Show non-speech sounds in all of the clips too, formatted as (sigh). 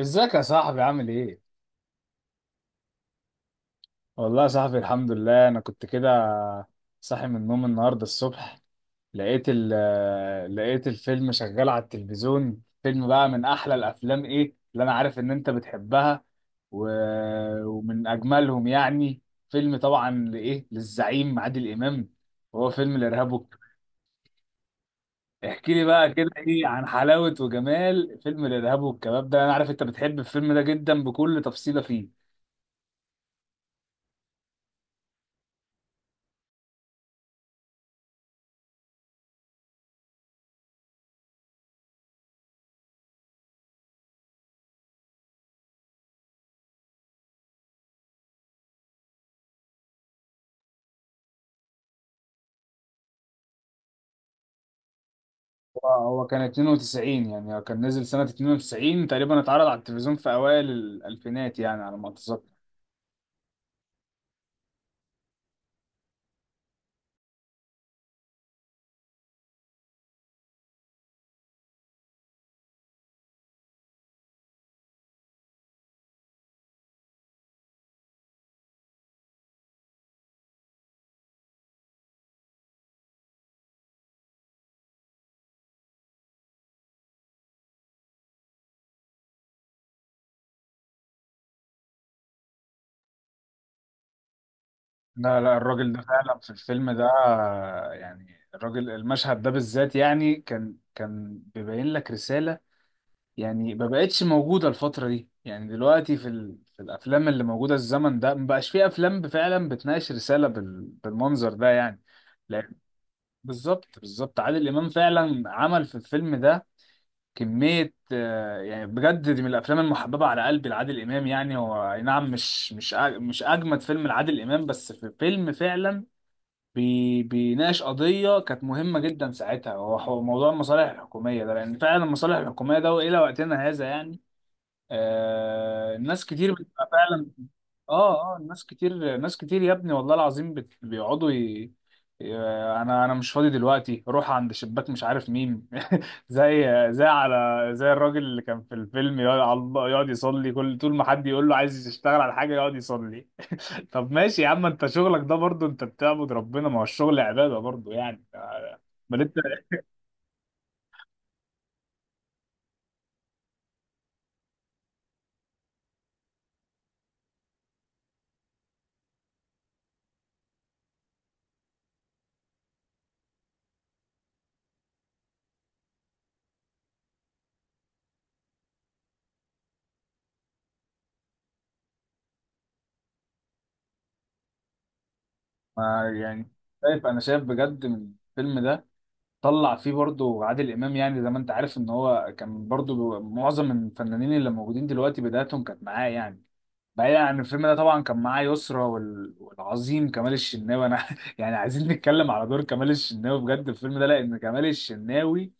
ازيك يا صاحبي عامل ايه؟ والله يا صاحبي الحمد لله انا كنت كده، صاحي من النوم النهارده الصبح. لقيت ال لقيت الفيلم شغال على التلفزيون. فيلم بقى من احلى الافلام، ايه اللي انا عارف ان انت بتحبها و... ومن اجملهم يعني. فيلم طبعا للزعيم عادل امام، وهو فيلم احكي لي بقى كده ايه عن حلاوة وجمال فيلم الارهاب والكباب ده. انا عارف انت بتحب الفيلم ده جدا بكل تفصيلة فيه. هو هو كان 92، يعني هو كان نزل سنة 92 تقريبا، اتعرض على التلفزيون في أوائل الألفينات يعني على ما أتذكر. لا لا، الراجل ده فعلا في الفيلم ده يعني، الراجل، المشهد ده بالذات يعني كان بيبين لك رسالة يعني ما بقتش موجودة الفترة دي، يعني دلوقتي في الأفلام اللي موجودة الزمن ده ما بقاش في أفلام فعلا بتناقش رسالة بالمنظر ده يعني. لا، بالظبط عادل إمام فعلا عمل في الفيلم ده كمية، يعني بجد دي من الأفلام المحببة على قلبي لعادل إمام. يعني هو أي نعم مش أجمد فيلم لعادل إمام، بس في فيلم فعلا بيناقش قضية كانت مهمة جدا ساعتها، هو موضوع المصالح الحكومية ده، لأن فعلا المصالح الحكومية ده وإلى وقتنا هذا يعني. آه، الناس كتير بتبقى فعلا. اه، ناس كتير، ناس كتير يا ابني، والله العظيم بيقعدوا ي- انا مش فاضي دلوقتي، روح عند شباك مش عارف مين (laughs) زي زي على زي الراجل اللي كان في الفيلم، يقعد على الله، يقعد يصلي، كل طول ما حد يقول له عايز يشتغل على حاجه يقعد يصلي. (laughs) طب ماشي يا عم، انت شغلك ده برضو، انت بتعبد ربنا، ما هو الشغل عباده برضو يعني. امال انت ما يعني، شايف، انا شايف بجد من الفيلم ده طلع فيه برضو عادل امام يعني، زي ما انت عارف ان هو كان برضو معظم الفنانين اللي موجودين دلوقتي بداياتهم كانت معاه يعني. بعيدا عن الفيلم ده طبعا كان معاه يسرا والعظيم كمال الشناوي. انا (laughs) يعني عايزين نتكلم على دور كمال الشناوي بجد في الفيلم ده، لان كمال الشناوي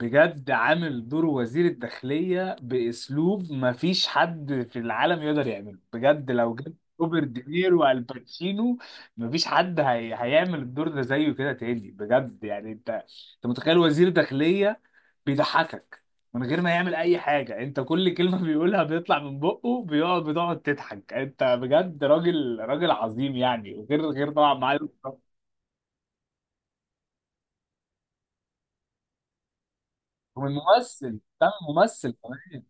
بجد عامل دور وزير الداخلية بأسلوب مفيش حد في العالم يقدر يعمله. بجد لو جبت روبرت دينيرو والباتشينو مفيش حد هيعمل الدور ده زيه كده تاني بجد يعني. انت انت متخيل وزير داخلية بيضحكك من غير ما يعمل اي حاجة؟ انت كل كلمة بيقولها بيطلع من بقه بتقعد تضحك. انت بجد راجل، راجل عظيم يعني. وغير، غير طبعا معاه ومن ممثل، ده ممثل كمان.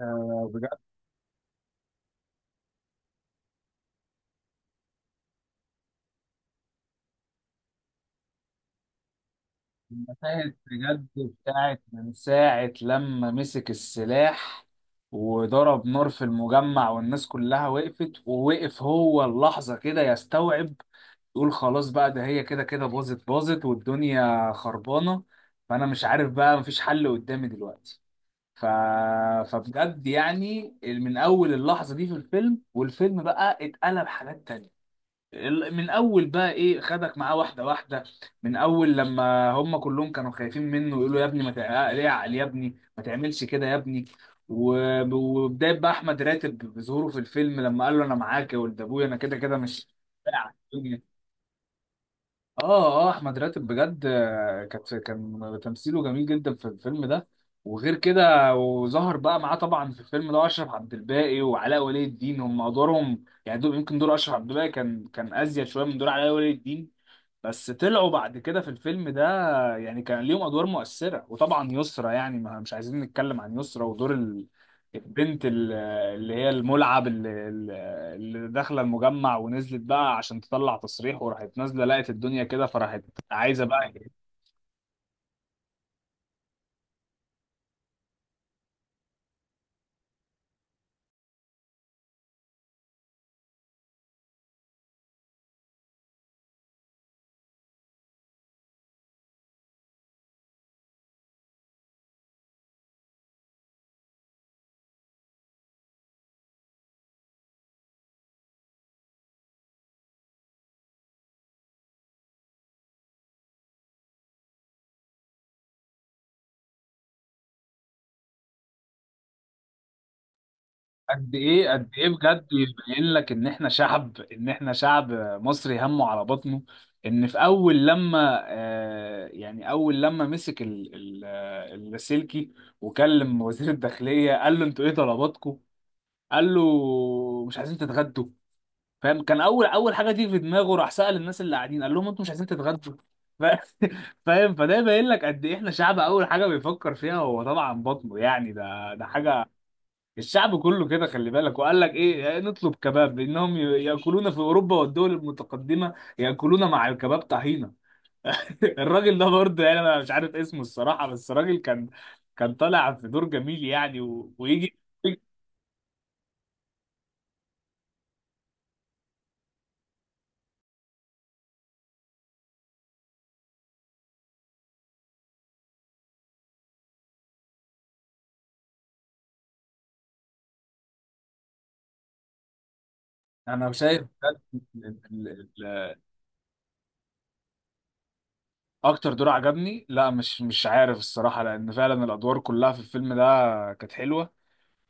آه، بجد، المشاهد بجد بتاعت من ساعة لما مسك السلاح وضرب نار في المجمع والناس كلها وقفت، ووقف هو اللحظة كده يستوعب، يقول خلاص بقى ده هي كده كده باظت، باظت والدنيا خربانة، فأنا مش عارف بقى مفيش حل قدامي دلوقتي. ف... فبجد يعني من أول اللحظة دي في الفيلم، والفيلم بقى اتقلب حاجات تانية. من اول بقى ايه خدك معاه واحده واحده، من اول لما هم كلهم كانوا خايفين منه يقولوا يا ابني ما تع- ليه عقل، يا ابني ما تعملش كده يا ابني. وبدايه بقى احمد راتب بظهوره في الفيلم لما قال له انا معاك يا ولد ابويا، انا كده كده مش. اه اه، احمد راتب بجد، آه، كان تمثيله جميل جدا في الفيلم ده. وغير كده وظهر بقى معاه طبعا في الفيلم ده اشرف عبد الباقي وعلاء ولي الدين، هم ادوارهم يعني دول، يمكن دور اشرف عبد الباقي كان ازيد شويه من دور علاء ولي الدين، بس طلعوا بعد كده في الفيلم ده يعني كان ليهم ادوار مؤثره. وطبعا يسرا، يعني ما مش عايزين نتكلم عن يسرا ودور البنت اللي هي الملعب اللي داخله المجمع ونزلت بقى عشان تطلع تصريح، وراحت نازله لقت الدنيا كده فراحت عايزه بقى. قد ايه، قد ايه بجد يبين لك ان احنا شعب، ان احنا شعب مصري همه على بطنه. ان في اول لما، آه، يعني اول لما مسك اللاسلكي وكلم وزير الداخليه قال له انتوا ايه طلباتكم، قال له مش عايزين تتغدوا. فاهم؟ كان اول اول حاجه تيجي في دماغه راح سأل الناس اللي قاعدين قال لهم انتوا مش عايزين تتغدوا. ف- (laughs) فاهم؟ فده باين لك قد ايه احنا شعب اول حاجه بيفكر فيها هو طبعا بطنه يعني، ده ده حاجه الشعب كله كده خلي بالك. وقال لك ايه، آه، نطلب كباب، انهم ياكلون في اوروبا والدول المتقدمه ياكلون مع الكباب طحينه. (laughs) الراجل ده برضه، يعني انا مش عارف اسمه الصراحه، بس الراجل كان طالع في دور جميل يعني ويجي انا شايف بجد. اكتر دور عجبني؟ لا مش عارف الصراحه، لان فعلا الادوار كلها في الفيلم ده كانت حلوه،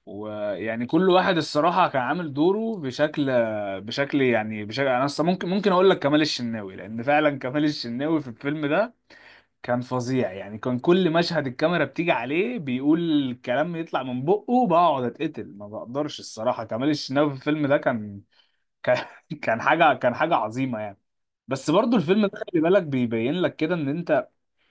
ويعني كل واحد الصراحه كان عامل دوره بشكل، بشكل. انا أصلاً ممكن اقول لك كمال الشناوي، لان فعلا كمال الشناوي في الفيلم ده كان فظيع يعني، كان كل مشهد الكاميرا بتيجي عليه بيقول الكلام يطلع من بقه، بقعد اتقتل ما بقدرش الصراحه. كمال الشناوي في الفيلم ده كان (laughs) كان حاجه عظيمه يعني. بس برضو الفيلم ده خلي بالك بيبين لك كده ان انت،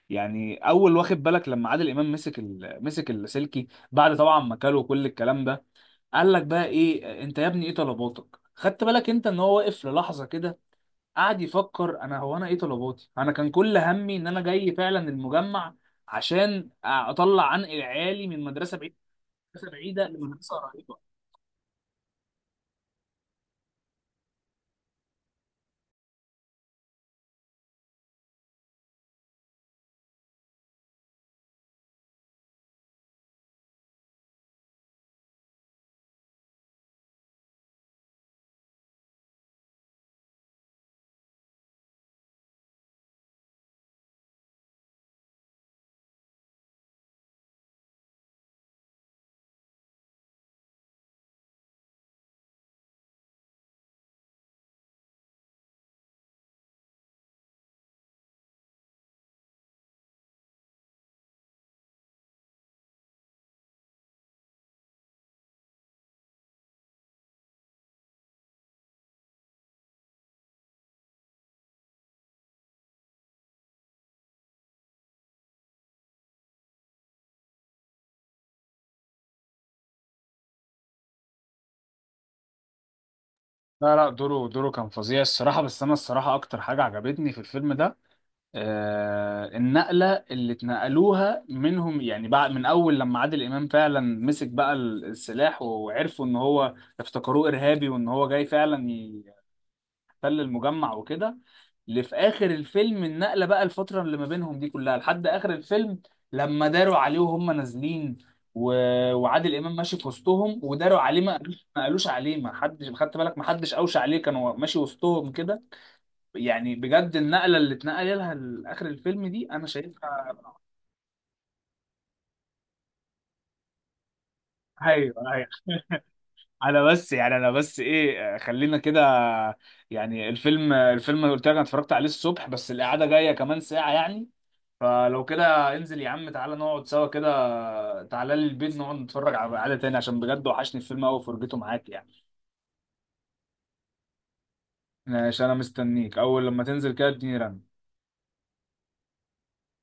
يعني اول واخد بالك لما عادل امام مسك اللاسلكي بعد طبعا ما كلوا كل الكلام ده، قال لك بقى ايه انت يا ابني ايه طلباتك. خدت بالك انت ان هو واقف للحظه كده قعد يفكر، انا هو انا ايه طلباتي، انا كان كل همي ان انا جاي فعلا المجمع عشان اطلع عنق عيالي من مدرسه بعيده، مدرسه بعيده لمدرسه قريبه. لا لا، دوره كان فظيع الصراحة. بس أنا الصراحة أكتر حاجة عجبتني في الفيلم ده، آه، النقلة اللي اتنقلوها منهم، يعني بعد من أول لما عادل إمام فعلا مسك بقى السلاح وعرفوا إن هو، افتكروه إرهابي وإن هو جاي فعلا يحتل المجمع وكده، اللي في آخر الفيلم النقلة بقى الفترة اللي ما بينهم دي كلها لحد آخر الفيلم، لما داروا عليه وهم نازلين و... وعادل إمام ماشي في وسطهم، وداروا عليه ما قالوش عليه، ما حدش، خدت بالك، ما حدش أوشى عليه، كانوا ماشي وسطهم كده يعني. بجد النقله اللي اتنقل لها لاخر الفيلم دي انا شايفها. ايوه ايوه، (laughs) انا بس يعني، انا بس ايه خلينا كده يعني، الفيلم قلت لك انا اتفرجت عليه الصبح، بس القعده جايه كمان ساعه يعني، فلو كده انزل يا عم تعالى نقعد سوا كده، تعالى لي البيت نقعد نتفرج على قعده تاني، عشان بجد وحشني الفيلم قوي فرجته معاك يعني. ماشي انا مستنيك، اول لما تنزل كده اديني رن.